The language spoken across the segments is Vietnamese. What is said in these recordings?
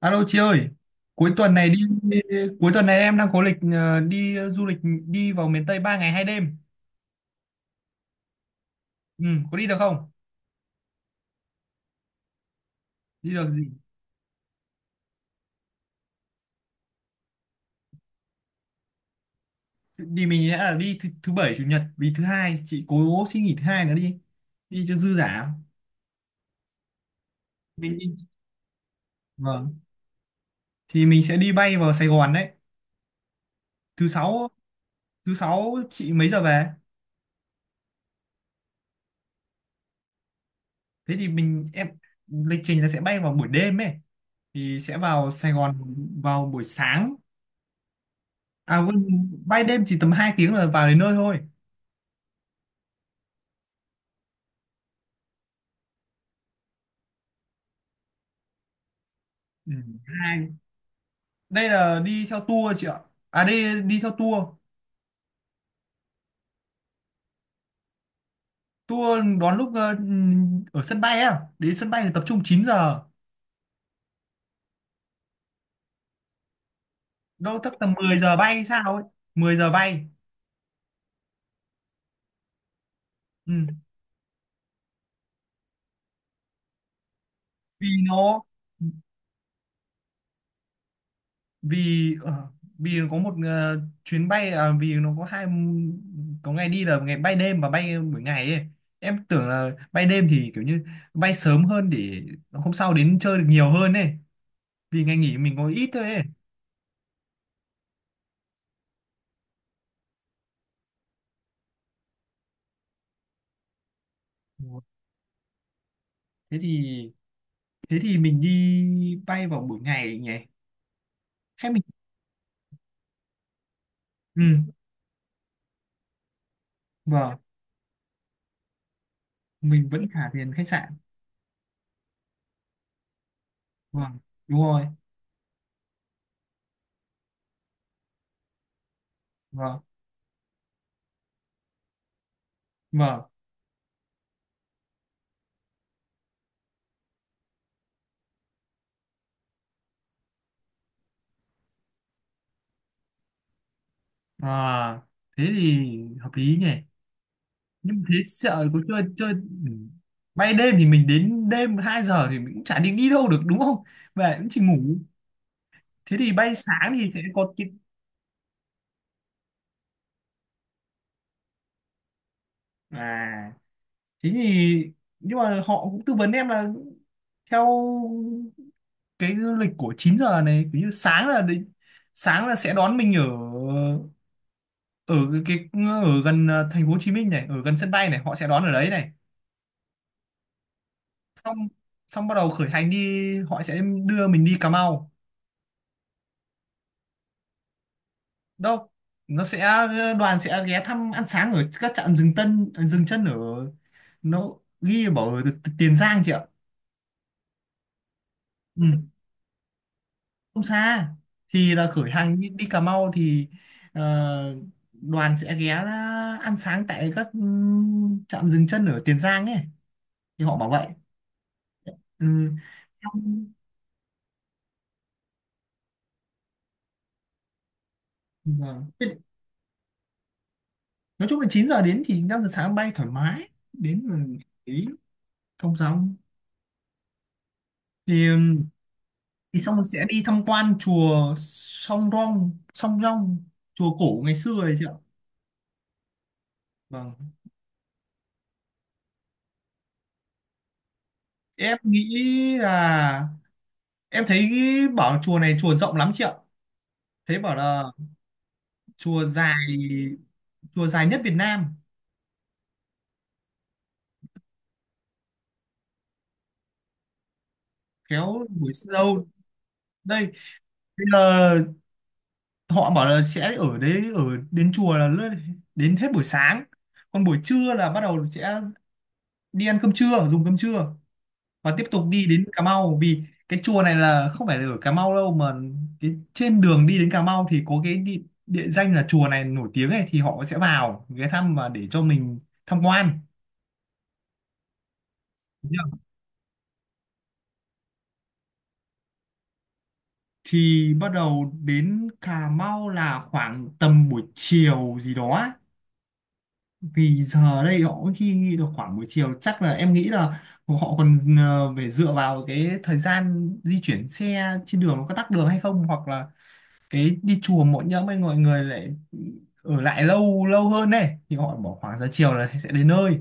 Alo chị ơi, cuối tuần này đi cuối tuần này em đang có lịch đi du lịch đi vào miền Tây 3 ngày 2 đêm. Ừ, có đi được không? Đi được gì? Đi mình sẽ là đi thứ bảy chủ nhật vì thứ hai chị cố xin nghỉ thứ hai nữa đi. Đi cho dư giả. Mình đi. Vâng. Thì mình sẽ đi bay vào Sài Gòn đấy. Thứ sáu thứ sáu chị mấy giờ về? Thế thì em lịch trình là sẽ bay vào buổi đêm ấy thì sẽ vào Sài Gòn vào buổi sáng. À quên, bay đêm chỉ tầm 2 tiếng là vào đến nơi thôi. Ừ. Hai. Đây là đi theo tour chị ạ. À đây đi theo tour. Tour đón lúc ở sân bay á. Đến sân bay thì tập trung 9 giờ. Đâu chắc tầm 10 giờ bay sao ấy. Mười giờ bay. Ừ. Vì nó vì ờ, vì nó có một chuyến bay à, vì nó có hai có ngày đi là ngày bay đêm và bay buổi ngày ấy. Em tưởng là bay đêm thì kiểu như bay sớm hơn để hôm sau đến chơi được nhiều hơn ấy. Vì ngày nghỉ mình có ít thôi ấy. Ủa, Thế thì thế thì mình đi bay vào buổi ngày nhỉ, hay mình ừ, vâng, mình vẫn trả tiền khách sạn, vâng, đúng rồi, vâng, vâng. À, thế thì hợp lý nhỉ, nhưng thế sợ có chơi chơi. Ừ. Bay đêm thì mình đến đêm 2 giờ thì mình cũng chả định đi đâu được đúng không, về cũng chỉ ngủ. Thế thì bay sáng thì sẽ có cái à thế thì, nhưng mà họ cũng tư vấn em là theo cái lịch của 9 giờ này kiểu như sáng là sẽ đón mình ở ở cái ở gần thành phố Hồ Chí Minh này, ở gần sân bay này họ sẽ đón ở đấy này, xong xong bắt đầu khởi hành đi, họ sẽ đưa mình đi Cà Mau. Đâu, đoàn sẽ ghé thăm ăn sáng ở các trạm dừng chân ở, nó ghi bảo ở Tiền Giang chị ạ. Ừ. Không xa, thì là khởi hành đi, Cà Mau thì ờ, đoàn sẽ ghé ra ăn sáng tại các trạm dừng chân ở Tiền Giang ấy, thì họ bảo vậy. Ừ. Em- vâng. Thế nói chung là 9 giờ đến thì 5 giờ sáng bay thoải mái đến là, ý thông dòng. Thì ừm, thì xong rồi sẽ đi tham quan chùa Song Rong, chùa cổ ngày xưa ấy chị ạ. Vâng. em nghĩ là em thấy bảo chùa này chùa rộng lắm chị ạ, thấy bảo là chùa dài chùa dài nhất Việt Nam. Kéo buổi sâu đây, bây giờ họ bảo là sẽ ở đấy, ở đến chùa là lướt- đến hết buổi sáng. Còn buổi trưa là bắt đầu sẽ đi ăn cơm trưa dùng cơm trưa và tiếp tục đi đến Cà Mau, vì cái chùa này là không phải là ở Cà Mau đâu mà cái trên đường đi đến Cà Mau thì có cái địa danh là chùa này nổi tiếng ấy, thì họ sẽ vào ghé thăm và để cho mình tham quan. Thì bắt đầu đến Cà Mau là khoảng tầm buổi chiều gì đó á. Vì giờ đây họ cũng khi nghĩ được khoảng buổi chiều, chắc là em nghĩ là họ còn phải dựa vào cái thời gian di chuyển xe trên đường, nó có tắc đường hay không, hoặc là cái đi chùa mỗi nhóm ấy mọi người lại ở lại lâu lâu hơn này, thì họ bỏ khoảng giờ chiều là sẽ đến nơi.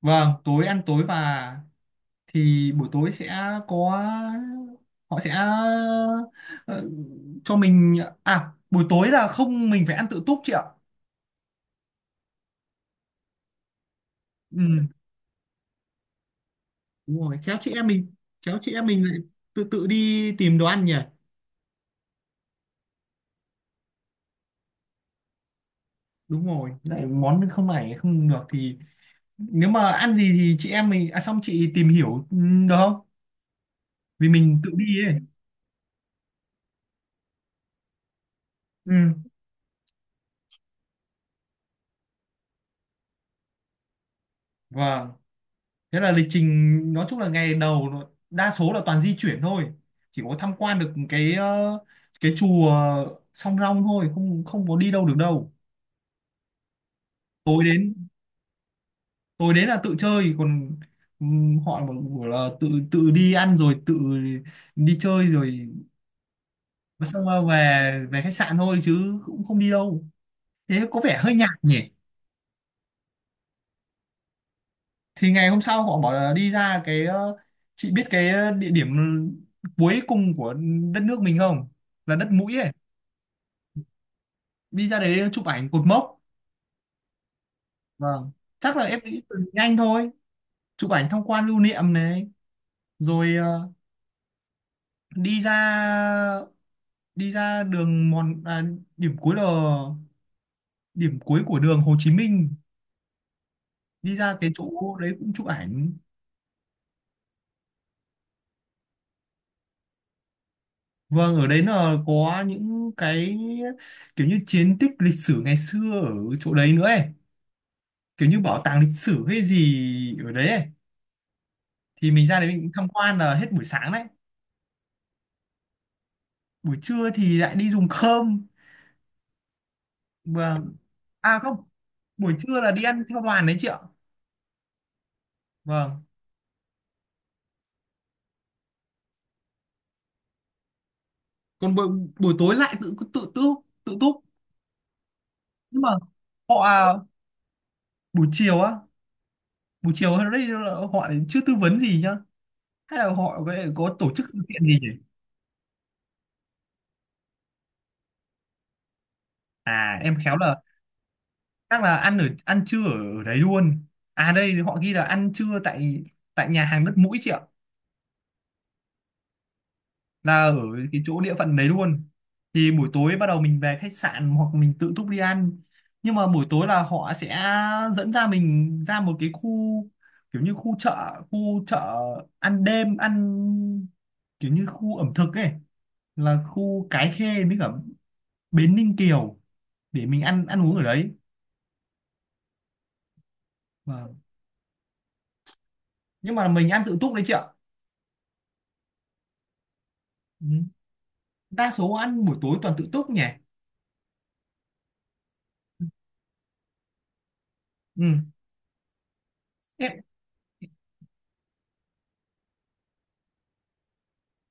Vâng, tối ăn tối và thì buổi tối sẽ có, họ sẽ ờ, cho mình. À buổi tối là không, mình phải ăn tự túc chị ạ. Ừ, đúng rồi. Khéo chị em mình lại tự tự đi tìm đồ ăn nhỉ. Đúng rồi, lại món không này không được thì nếu mà ăn gì thì chị em mình, à xong chị tìm hiểu, ừ, được không, vì mình tự đi ấy. Ừ. Vâng. Thế là lịch trình nói chung là ngày đầu đa số là toàn di chuyển thôi, chỉ có tham quan được cái cái chùa Song Rong thôi, không không có đi đâu được đâu. tối đến tối đến là tự chơi, còn họ mà bảo là tự tự đi ăn rồi tự đi chơi rồi xong rồi về về khách sạn thôi chứ cũng không đi đâu, thế có vẻ hơi nhạt nhỉ. Thì ngày hôm sau họ bảo là đi ra cái chị biết cái địa điểm cuối cùng của đất nước mình không, là đất mũi ấy, đi ra đấy chụp ảnh cột mốc. Vâng, chắc là em nghĩ từ nhanh thôi. Chụp ảnh tham quan lưu niệm này, rồi đi ra đi ra đường mòn à, điểm cuối là điểm cuối của đường Hồ Chí Minh, đi ra cái chỗ đấy cũng chụp ảnh. Vâng, ở đấy là có những cái kiểu như chiến tích lịch sử ngày xưa ở chỗ đấy nữa ấy, kiểu như bảo tàng lịch sử hay gì ở đấy ấy. Thì mình ra đấy mình tham quan là hết buổi sáng đấy, buổi trưa thì lại đi dùng cơm. Vâng. À không, buổi trưa là đi ăn theo đoàn đấy chị ạ. Vâng. Còn buổi buổi tối lại tự tự tự tự túc. Nhưng mà họ à, buổi chiều á, buổi chiều ở đây là họ lại chưa tư vấn gì nhá. Hay là họ có tổ chức sự kiện gì nhỉ? À em khéo là chắc là ăn trưa ở đấy luôn. À đây họ ghi là ăn trưa tại tại nhà hàng đất mũi chị ạ. Là ở cái chỗ địa phận đấy luôn, thì buổi tối bắt đầu mình về khách sạn hoặc mình tự túc đi ăn, nhưng mà buổi tối là họ sẽ dẫn ra mình ra một cái khu kiểu như khu chợ ăn đêm ăn kiểu như khu ẩm thực ấy, là khu Cái Khê với cả Bến Ninh Kiều để mình ăn ăn uống ở đấy. Vâng. Nhưng mà mình ăn tự túc đấy chị ạ. Ừ. Đa số ăn buổi tối toàn tự túc nhỉ. Ừ. em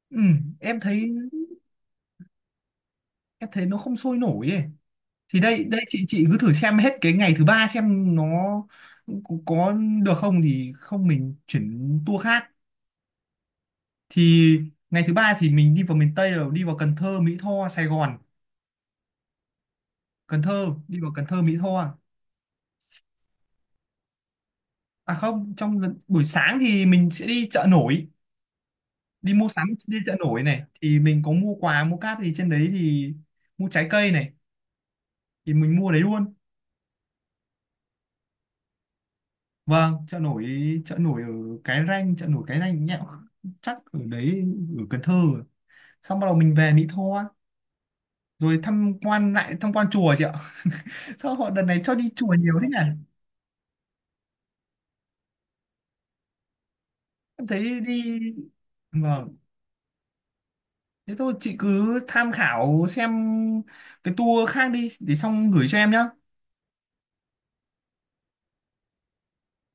ừ. em thấy em thấy nó không sôi nổi ấy, thì đây, chị cứ thử xem hết cái ngày thứ ba xem nó có được không, thì không mình chuyển tour khác. Thì ngày thứ ba thì mình đi vào miền Tây rồi đi vào Cần Thơ Mỹ Tho Sài Gòn Cần Thơ đi vào Cần Thơ Mỹ Tho à. À không, buổi sáng thì mình sẽ đi chợ nổi, đi mua sắm, đi chợ nổi này thì mình có mua quà mua cáp thì trên đấy thì mua trái cây này thì mình mua đấy luôn. Vâng. Chợ nổi ở Cái Răng, chợ nổi Cái Răng nhẹo, chắc ở đấy ở Cần Thơ, xong bắt đầu mình về Mỹ Tho rồi tham quan lại tham quan chùa chị ạ. Sao họ đợt này cho đi chùa nhiều thế nhỉ. Em thấy đi, vâng, thế thôi chị cứ tham khảo xem cái tour khác đi để xong gửi cho em nhá